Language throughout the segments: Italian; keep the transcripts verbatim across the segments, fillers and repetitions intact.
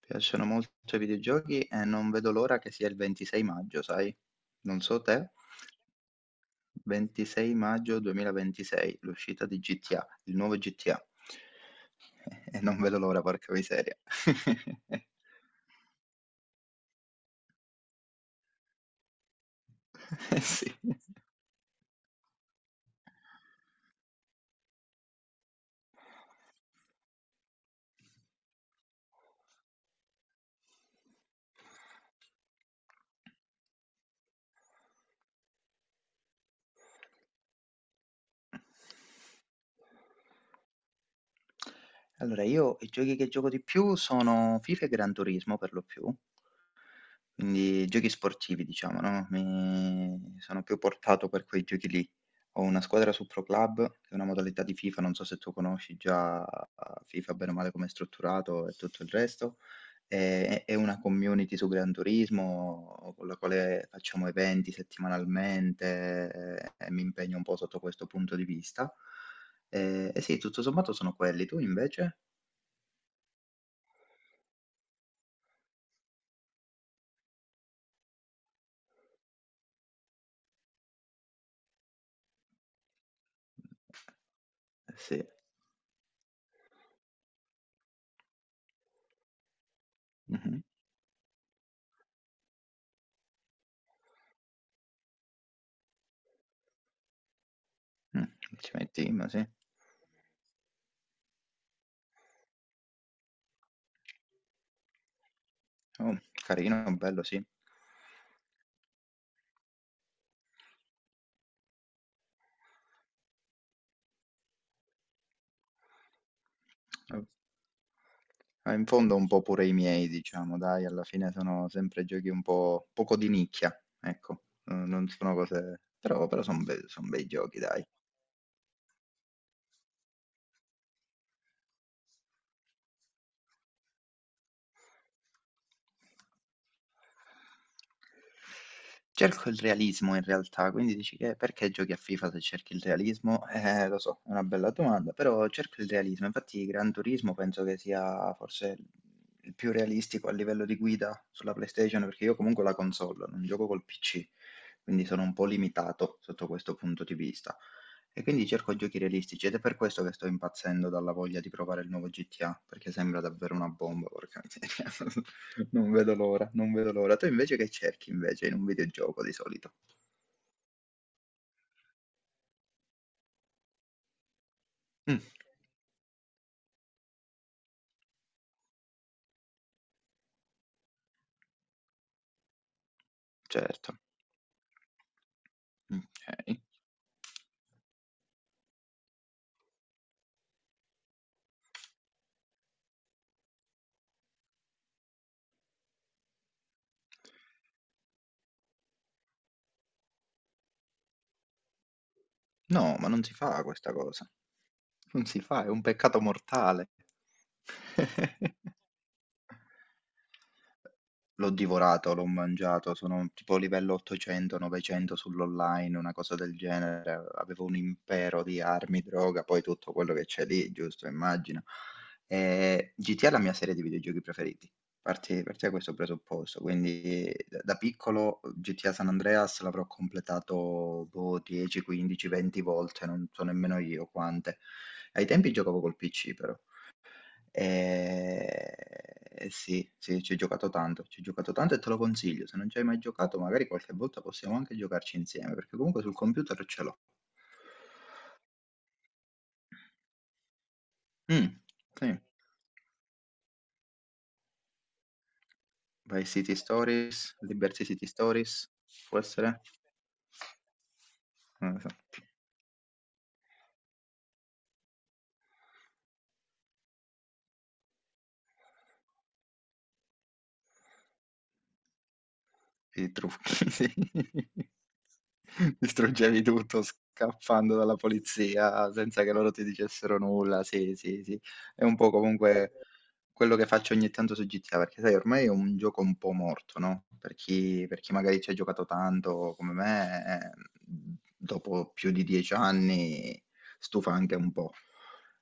Piacciono molto i videogiochi e non vedo l'ora che sia il ventisei maggio, sai? Non so te, ventisei maggio duemilaventisei, l'uscita di G T A, il nuovo G T A. E non vedo l'ora, porca miseria. Eh sì. Allora, io i giochi che gioco di più sono FIFA e Gran Turismo per lo più. Quindi giochi sportivi diciamo, no, mi sono più portato per quei giochi lì. Ho una squadra su Pro Club, che è una modalità di FIFA, non so se tu conosci già eh, FIFA bene o male com'è strutturato e tutto il resto, e e una community su Gran Turismo con la quale facciamo eventi settimanalmente eh, e mi impegno un po' sotto questo punto di vista. Ehm, e sì, tutto sommato sono quelli. Tu invece? Sì. Mh-mh. Mh, ci metti, ma sì. Oh, carino, bello, sì. Eh, eh, in fondo un po' pure i miei, diciamo, dai, alla fine sono sempre giochi un po' poco di nicchia, ecco, eh, non sono cose, però, però sono bei giochi, dai. Cerco il realismo in realtà, quindi dici che perché giochi a FIFA se cerchi il realismo? Eh, lo so, è una bella domanda, però cerco il realismo. Infatti Gran Turismo penso che sia forse il più realistico a livello di guida sulla PlayStation, perché io comunque ho la console, non gioco col P C, quindi sono un po' limitato sotto questo punto di vista. E quindi cerco giochi realistici ed è per questo che sto impazzendo dalla voglia di provare il nuovo G T A, perché sembra davvero una bomba, porca miseria. Non vedo l'ora, non vedo l'ora. Tu invece che cerchi invece in un videogioco di solito? Mm, certo, ok. No, ma non si fa questa cosa. Non si fa, è un peccato mortale. L'ho divorato, l'ho mangiato, sono tipo livello ottocento, novecento sull'online, una cosa del genere. Avevo un impero di armi, droga, poi tutto quello che c'è lì, giusto, immagino. E G T A è la mia serie di videogiochi preferiti. Parti, parti da questo presupposto, quindi da da piccolo G T A San Andreas l'avrò completato boh, dieci, quindici, venti volte, non so nemmeno io quante. Ai tempi giocavo col P C però. E... e sì, sì, ci ho giocato tanto, ci ho giocato tanto e te lo consiglio. Se non ci hai mai giocato, magari qualche volta possiamo anche giocarci insieme, perché comunque sul computer ce l'ho. Mm, sì. Vice City Stories, Liberty City Stories, può essere? Non lo so. E trucchi, sì. Distruggevi tutto scappando dalla polizia senza che loro ti dicessero nulla. Sì, sì, sì. È un po' comunque quello che faccio ogni tanto su G T A, perché sai, ormai è un gioco un po' morto, no? Per chi, per chi magari ci ha giocato tanto come me, eh, dopo più di dieci anni stufa anche un po'.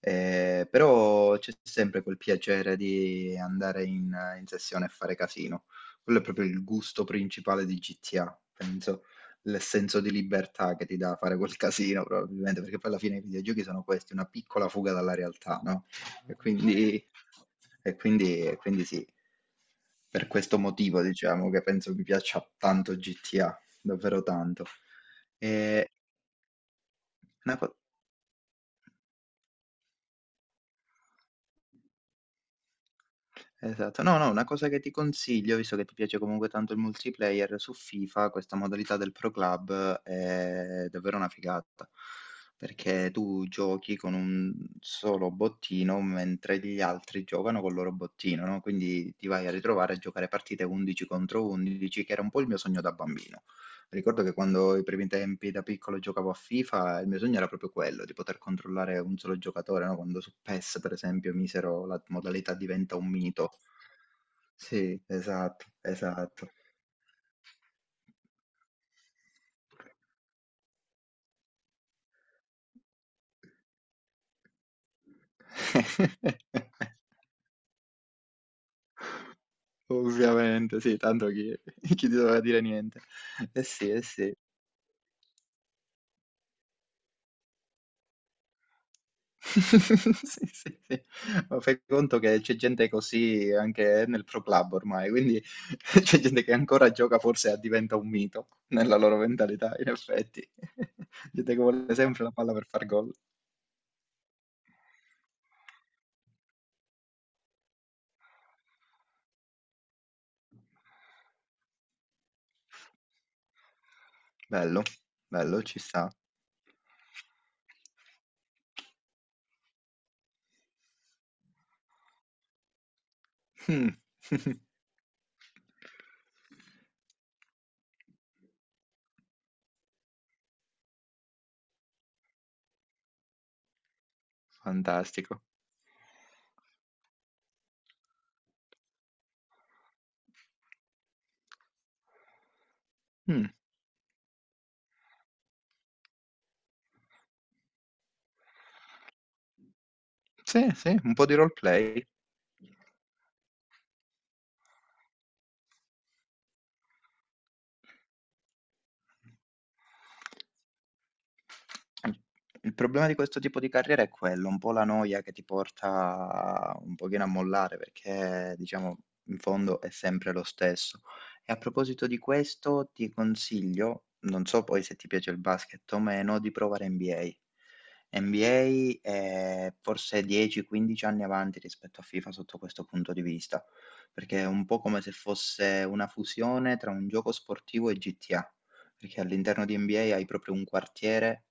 Eh, però c'è sempre quel piacere di andare in in sessione e fare casino. Quello è proprio il gusto principale di G T A, penso, il senso di libertà che ti dà fare quel casino probabilmente, perché poi alla fine i videogiochi sono questi, una piccola fuga dalla realtà, no? E quindi, e quindi, e quindi sì, per questo motivo diciamo che penso mi piaccia tanto G T A, davvero tanto. E una co- Esatto. No, no, una cosa che ti consiglio, visto che ti piace comunque tanto il multiplayer, su FIFA questa modalità del Pro Club eh, è davvero una figata, perché tu giochi con un solo bottino mentre gli altri giocano col loro bottino, no? Quindi ti vai a ritrovare a giocare partite undici contro undici, che era un po' il mio sogno da bambino. Ricordo che quando i primi tempi da piccolo giocavo a FIFA, il mio sogno era proprio quello, di poter controllare un solo giocatore, no? Quando su PES, per esempio, misero la modalità diventa un mito. Sì, esatto, esatto. Ovviamente, sì, tanto chi, chi ti doveva dire niente. Eh sì, eh sì. Sì, sì, sì. Ma fai conto che c'è gente così anche nel Pro Club ormai, quindi c'è gente che ancora gioca forse a diventa un mito nella loro mentalità, in effetti. Gente che vuole sempre la palla per far gol. Bello, bello, ci sta. Mm. Fantastico. Mm, Sì, sì, un po' di roleplay. Il problema di questo tipo di carriera è quello, un po' la noia che ti porta un pochino a mollare, perché diciamo in fondo è sempre lo stesso. E a proposito di questo, ti consiglio, non so poi se ti piace il basket o meno, di provare N B A. N B A è forse dieci a quindici anni avanti rispetto a FIFA sotto questo punto di vista, perché è un po' come se fosse una fusione tra un gioco sportivo e G T A. Perché all'interno di N B A hai proprio un quartiere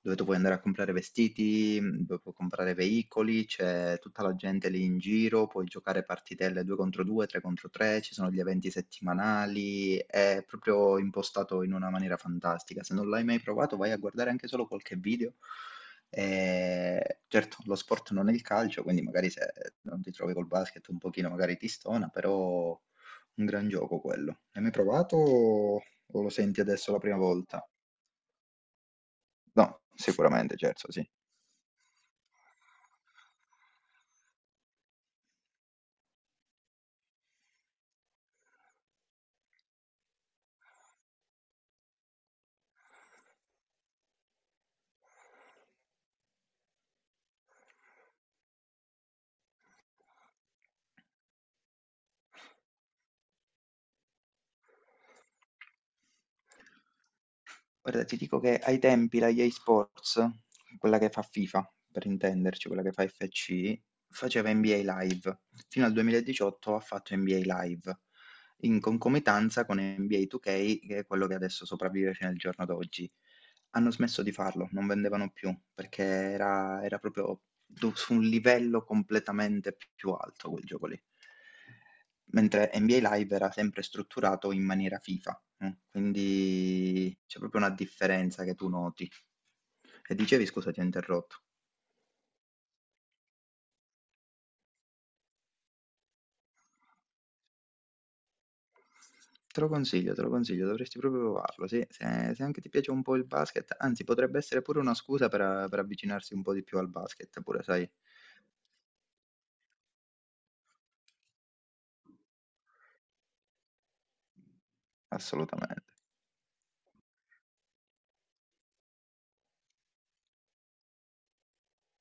dove tu puoi andare a comprare vestiti, mh, dove puoi comprare veicoli, c'è tutta la gente lì in giro, puoi giocare partitelle due contro due, tre contro tre, ci sono gli eventi settimanali, è proprio impostato in una maniera fantastica. Se non l'hai mai provato, vai a guardare anche solo qualche video. E certo, lo sport non è il calcio, quindi magari se non ti trovi col basket un pochino magari ti stona, però un gran gioco quello. L'hai mai provato o o lo senti adesso la prima volta? No, sicuramente, certo, sì. Guarda, ti dico che ai tempi la E A Sports, quella che fa FIFA, per intenderci, quella che fa F C, faceva N B A Live. Fino al duemiladiciotto ha fatto N B A Live, in concomitanza con N B A due K, che è quello che adesso sopravvive fino al giorno d'oggi. Hanno smesso di farlo, non vendevano più, perché era era proprio du su un livello completamente p più alto quel gioco lì. Mentre N B A Live era sempre strutturato in maniera FIFA, mh, quindi c'è proprio una differenza che tu noti. E dicevi scusa, ti ho interrotto. Te lo consiglio, te lo consiglio, dovresti proprio provarlo, sì, se se anche ti piace un po' il basket, anzi potrebbe essere pure una scusa per per avvicinarsi un po' di più al basket pure, sai? Assolutamente.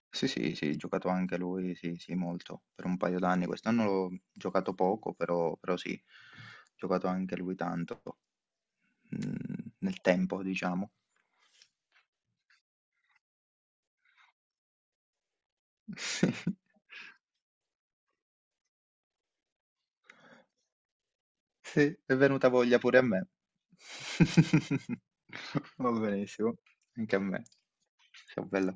Sì, sì, sì, giocato anche lui, sì, sì, molto, per un paio d'anni. Quest'anno l'ho giocato poco, però, però sì, giocato anche lui tanto, mm, nel tempo, diciamo. Sì, sì, è venuta voglia pure a me. Va benissimo, anche a me. Ciao, bella.